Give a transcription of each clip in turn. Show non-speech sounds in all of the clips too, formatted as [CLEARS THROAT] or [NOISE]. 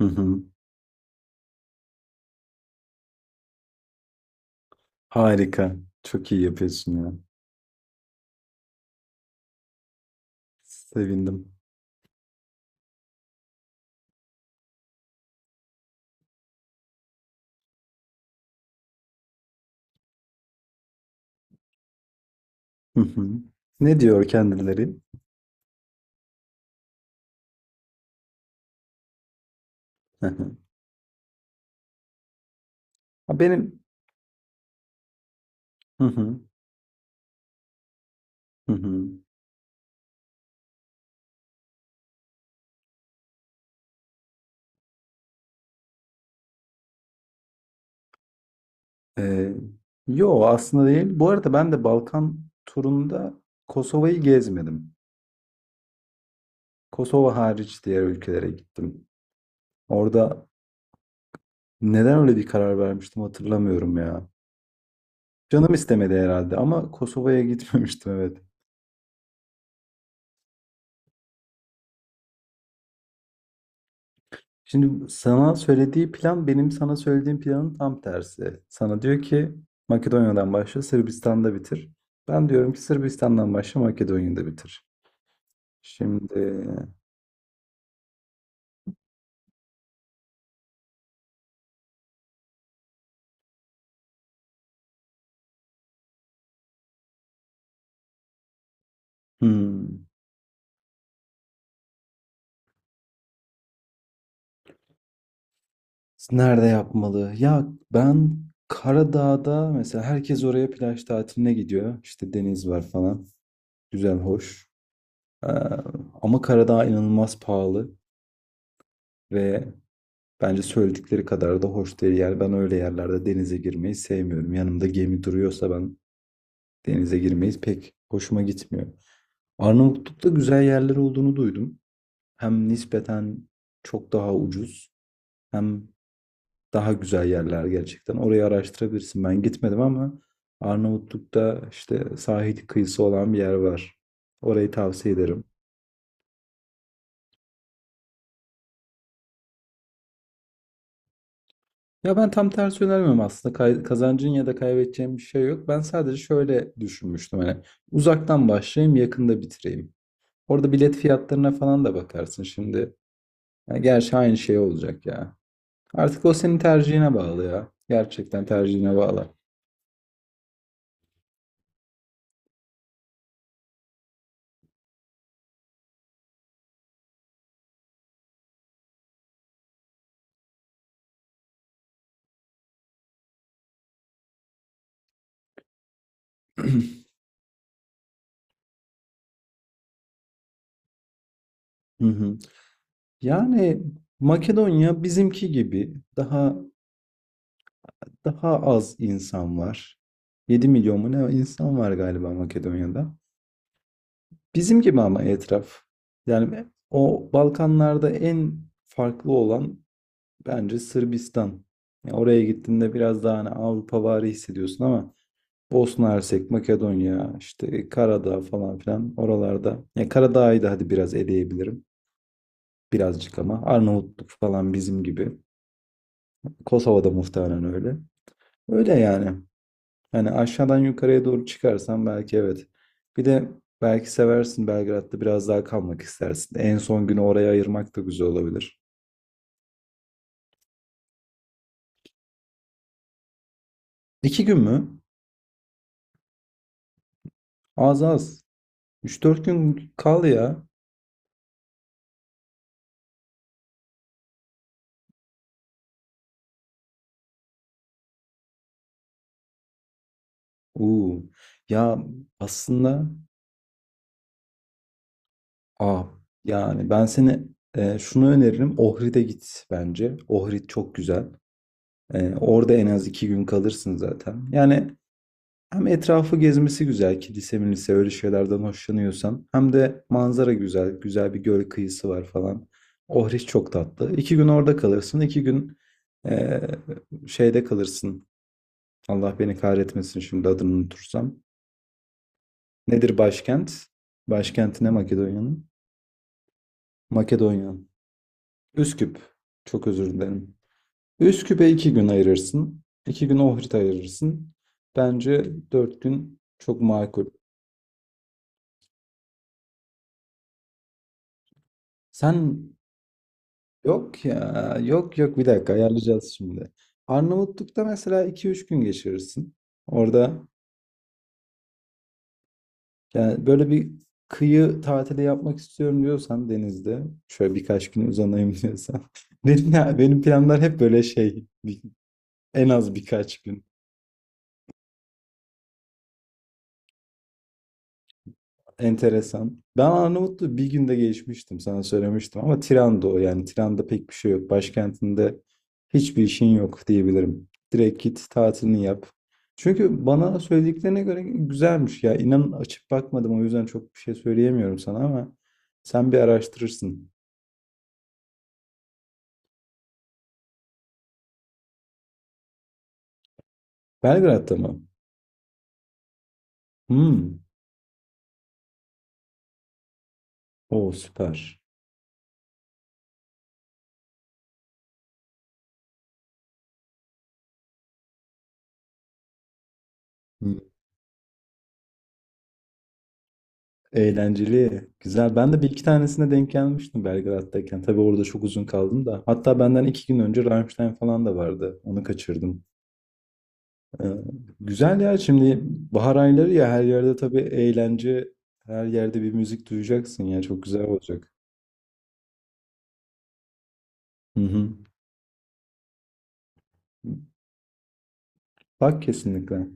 Hı hı. Harika. Çok iyi yapıyorsun ya. Sevindim. Hı hı. Ne diyor kendileri? Hı hı. Ha, benim. Hı hı. Hı hı. Ee, Yo aslında değil. Bu arada ben de Balkan turunda Kosova'yı gezmedim. Kosova hariç diğer ülkelere gittim. Orada neden öyle bir karar vermiştim hatırlamıyorum ya. Canım istemedi herhalde ama Kosova'ya gitmemiştim, evet. Şimdi sana söylediği plan benim sana söylediğim planın tam tersi. Sana diyor ki Makedonya'dan başla, Sırbistan'da bitir. Ben diyorum ki Sırbistan'dan başla, Makedonya'da bitir. Şimdi, hmm, nerede yapmalı? Ya ben, Karadağ'da mesela herkes oraya plaj tatiline gidiyor. İşte deniz var falan. Güzel, hoş. Ee, ama Karadağ inanılmaz pahalı ve bence söyledikleri kadar da hoş değil. Yani ben öyle yerlerde denize girmeyi sevmiyorum. Yanımda gemi duruyorsa ben denize girmeyi pek hoşuma gitmiyor. Arnavutluk'ta güzel yerler olduğunu duydum. Hem nispeten çok daha ucuz hem daha güzel yerler gerçekten. Orayı araştırabilirsin. Ben gitmedim ama Arnavutluk'ta işte sahil kıyısı olan bir yer var. Orayı tavsiye ederim. Ya ben tam tersi önermiyorum aslında. Kazancın ya da kaybedeceğin bir şey yok. Ben sadece şöyle düşünmüştüm, hani uzaktan başlayayım, yakında bitireyim. Orada bilet fiyatlarına falan da bakarsın şimdi. Yani gerçi aynı şey olacak ya. Artık o senin tercihine bağlı ya. Gerçekten tercihine bağlı. [CLEARS THROAT] Hı hı. Yani Makedonya bizimki gibi daha az insan var. 7 milyon mu ne insan var galiba Makedonya'da. Bizim gibi ama etraf. Yani o Balkanlarda en farklı olan bence Sırbistan. Ya oraya gittiğinde biraz daha hani Avrupavari hissediyorsun ama Bosna Hersek, Makedonya, işte Karadağ falan filan oralarda. Ya Karadağ'ı da hadi biraz eleyebilirim. Birazcık, ama Arnavutluk falan bizim gibi. Kosova'da muhtemelen öyle. Öyle yani. Yani aşağıdan yukarıya doğru çıkarsan, belki evet. Bir de belki seversin, Belgrad'da biraz daha kalmak istersin. En son günü oraya ayırmak da güzel olabilir. İki gün mü? Az, az. Üç dört gün kal ya. Uu. Ya aslında, ah, yani ben seni, şunu öneririm. Ohrid'e git bence. Ohrid çok güzel. Orada en az 2 gün kalırsın zaten. Yani hem etrafı gezmesi güzel, kilise milise öyle şeylerden hoşlanıyorsan. Hem de manzara güzel. Güzel bir göl kıyısı var falan. Ohriş çok tatlı. 2 gün orada kalırsın. 2 gün eee, şeyde kalırsın. Allah beni kahretmesin şimdi adını unutursam. Nedir başkent? Başkenti ne Makedonya'nın? Makedonya. Üsküp. Çok özür dilerim. Üsküp'e 2 gün ayırırsın. 2 gün Ohrid'e ayırırsın. Bence 4 gün çok makul. Sen, yok ya. Yok yok, bir dakika ayarlayacağız şimdi. Arnavutluk'ta mesela iki üç gün geçirirsin. Orada yani böyle bir kıyı tatili yapmak istiyorum diyorsan, denizde şöyle birkaç gün uzanayım diyorsan. [LAUGHS] Benim, benim planlar hep böyle şey, en az birkaç gün. Enteresan. Ben Arnavutluğu bir günde geçmiştim sana söylemiştim ama Tiran'da, o yani Tiran'da pek bir şey yok. Başkentinde hiçbir işin yok diyebilirim. Direkt git tatilini yap. Çünkü bana söylediklerine göre güzelmiş ya. İnan, açıp bakmadım o yüzden çok bir şey söyleyemiyorum sana ama sen bir araştırırsın. Belgrad'da mı? Hmm. O süper. Hmm. Eğlenceli. Güzel. Ben de bir iki tanesine denk gelmiştim Belgrad'dayken. Tabii orada çok uzun kaldım da. Hatta benden 2 gün önce Rammstein falan da vardı. Onu kaçırdım. Ee, güzel ya. Şimdi bahar ayları ya, her yerde tabii eğlence. Her yerde bir müzik duyacaksın ya. Çok güzel olacak. Hı hı. Bak, kesinlikle.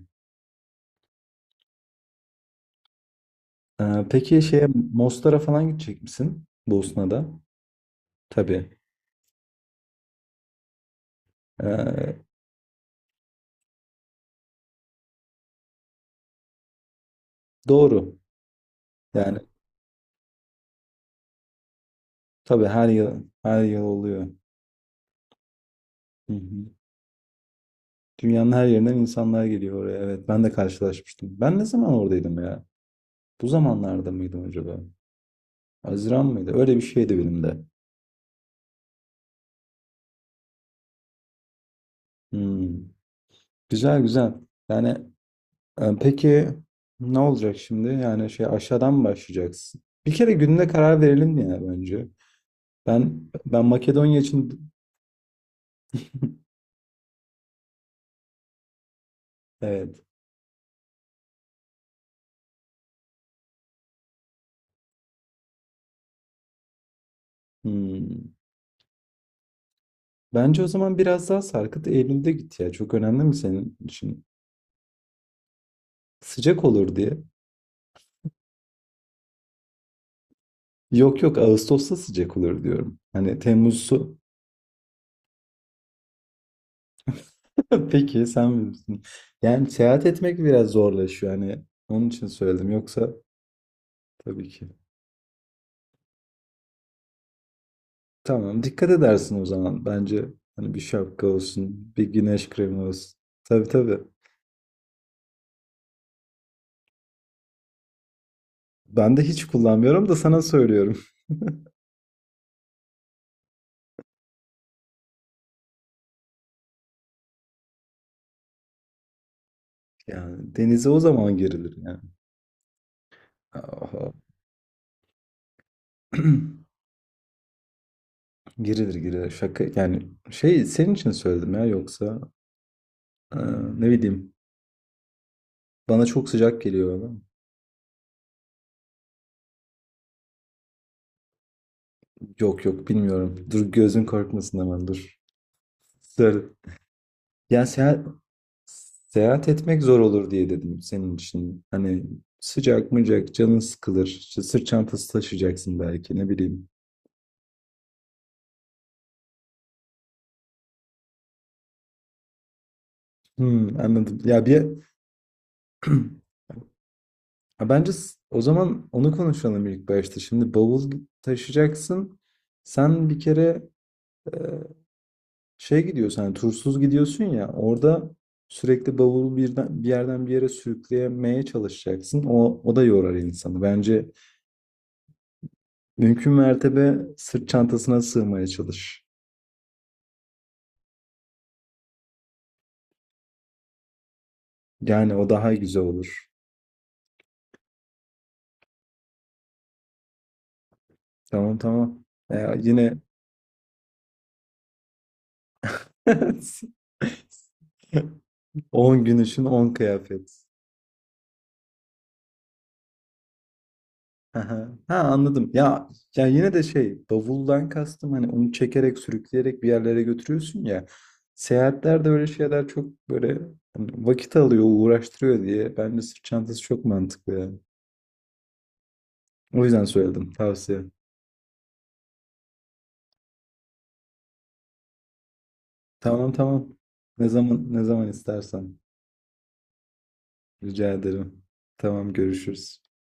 Peki, şeye Mostar'a falan gidecek misin? Bosna'da. Tabii. Ee, doğru. Yani tabii, her yıl her yıl oluyor. Hı hı. Dünyanın her yerinden insanlar geliyor oraya. Evet, ben de karşılaşmıştım. Ben ne zaman oradaydım ya? Bu zamanlarda mıydım acaba? Haziran mıydı? Öyle bir şeydi benim de. Hmm. Güzel, güzel. Yani, peki ne olacak şimdi? Yani şey, aşağıdan mı başlayacaksın? Bir kere gününe karar verelim ya bence. Ben Makedonya için, [LAUGHS] evet. Hmm. Bence o zaman biraz daha sarkıt, Eylül'de git ya. Çok önemli mi senin için? Sıcak olur diye. Yok yok, Ağustos'ta sıcak olur diyorum. Hani Temmuz'u. [LAUGHS] Peki sen bilirsin. Yani seyahat etmek biraz zorlaşıyor. Hani onun için söyledim. Yoksa tabii ki. Tamam, dikkat edersin o zaman. Bence hani bir şapka olsun, bir güneş kremi olsun. Tabii tabii. Ben de hiç kullanmıyorum da sana söylüyorum. [LAUGHS] Yani denize o zaman girilir yani. Aha. [CLEARS THROAT] Girilir, girilir. Şaka yani şey, senin için söyledim ya yoksa, e, ne bileyim, bana çok sıcak geliyor. Yok yok, bilmiyorum. Dur, gözün korkmasın ama dur. Söyle. Ya seyahat etmek zor olur diye dedim senin için. Hani sıcak mıcak canın sıkılır. İşte sırt çantası taşıyacaksın belki ne bileyim. Hmm, anladım. Ya bir [CLEARS THROAT] Ha, bence, o zaman onu konuşalım ilk başta. Şimdi bavul taşıyacaksın. Sen bir kere, şey gidiyorsun hani, tursuz gidiyorsun ya, orada sürekli bavulu birden, bir yerden bir yere sürükleyemeye çalışacaksın. O, o da yorar insanı. Bence mümkün mertebe sırt çantasına sığmaya çalış. Yani o daha güzel olur. Tamam tamam. Yine [LAUGHS] 10 gün için 10 kıyafet. Hı, ha, anladım. Ya ya yine de şey bavuldan kastım hani onu çekerek sürükleyerek bir yerlere götürüyorsun ya. Seyahatlerde öyle şeyler çok böyle hani vakit alıyor, uğraştırıyor diye. Bence sırt çantası çok mantıklı yani. O yüzden söyledim, tavsiye. Tamam tamam. Ne zaman ne zaman istersen. Rica ederim. Tamam, görüşürüz.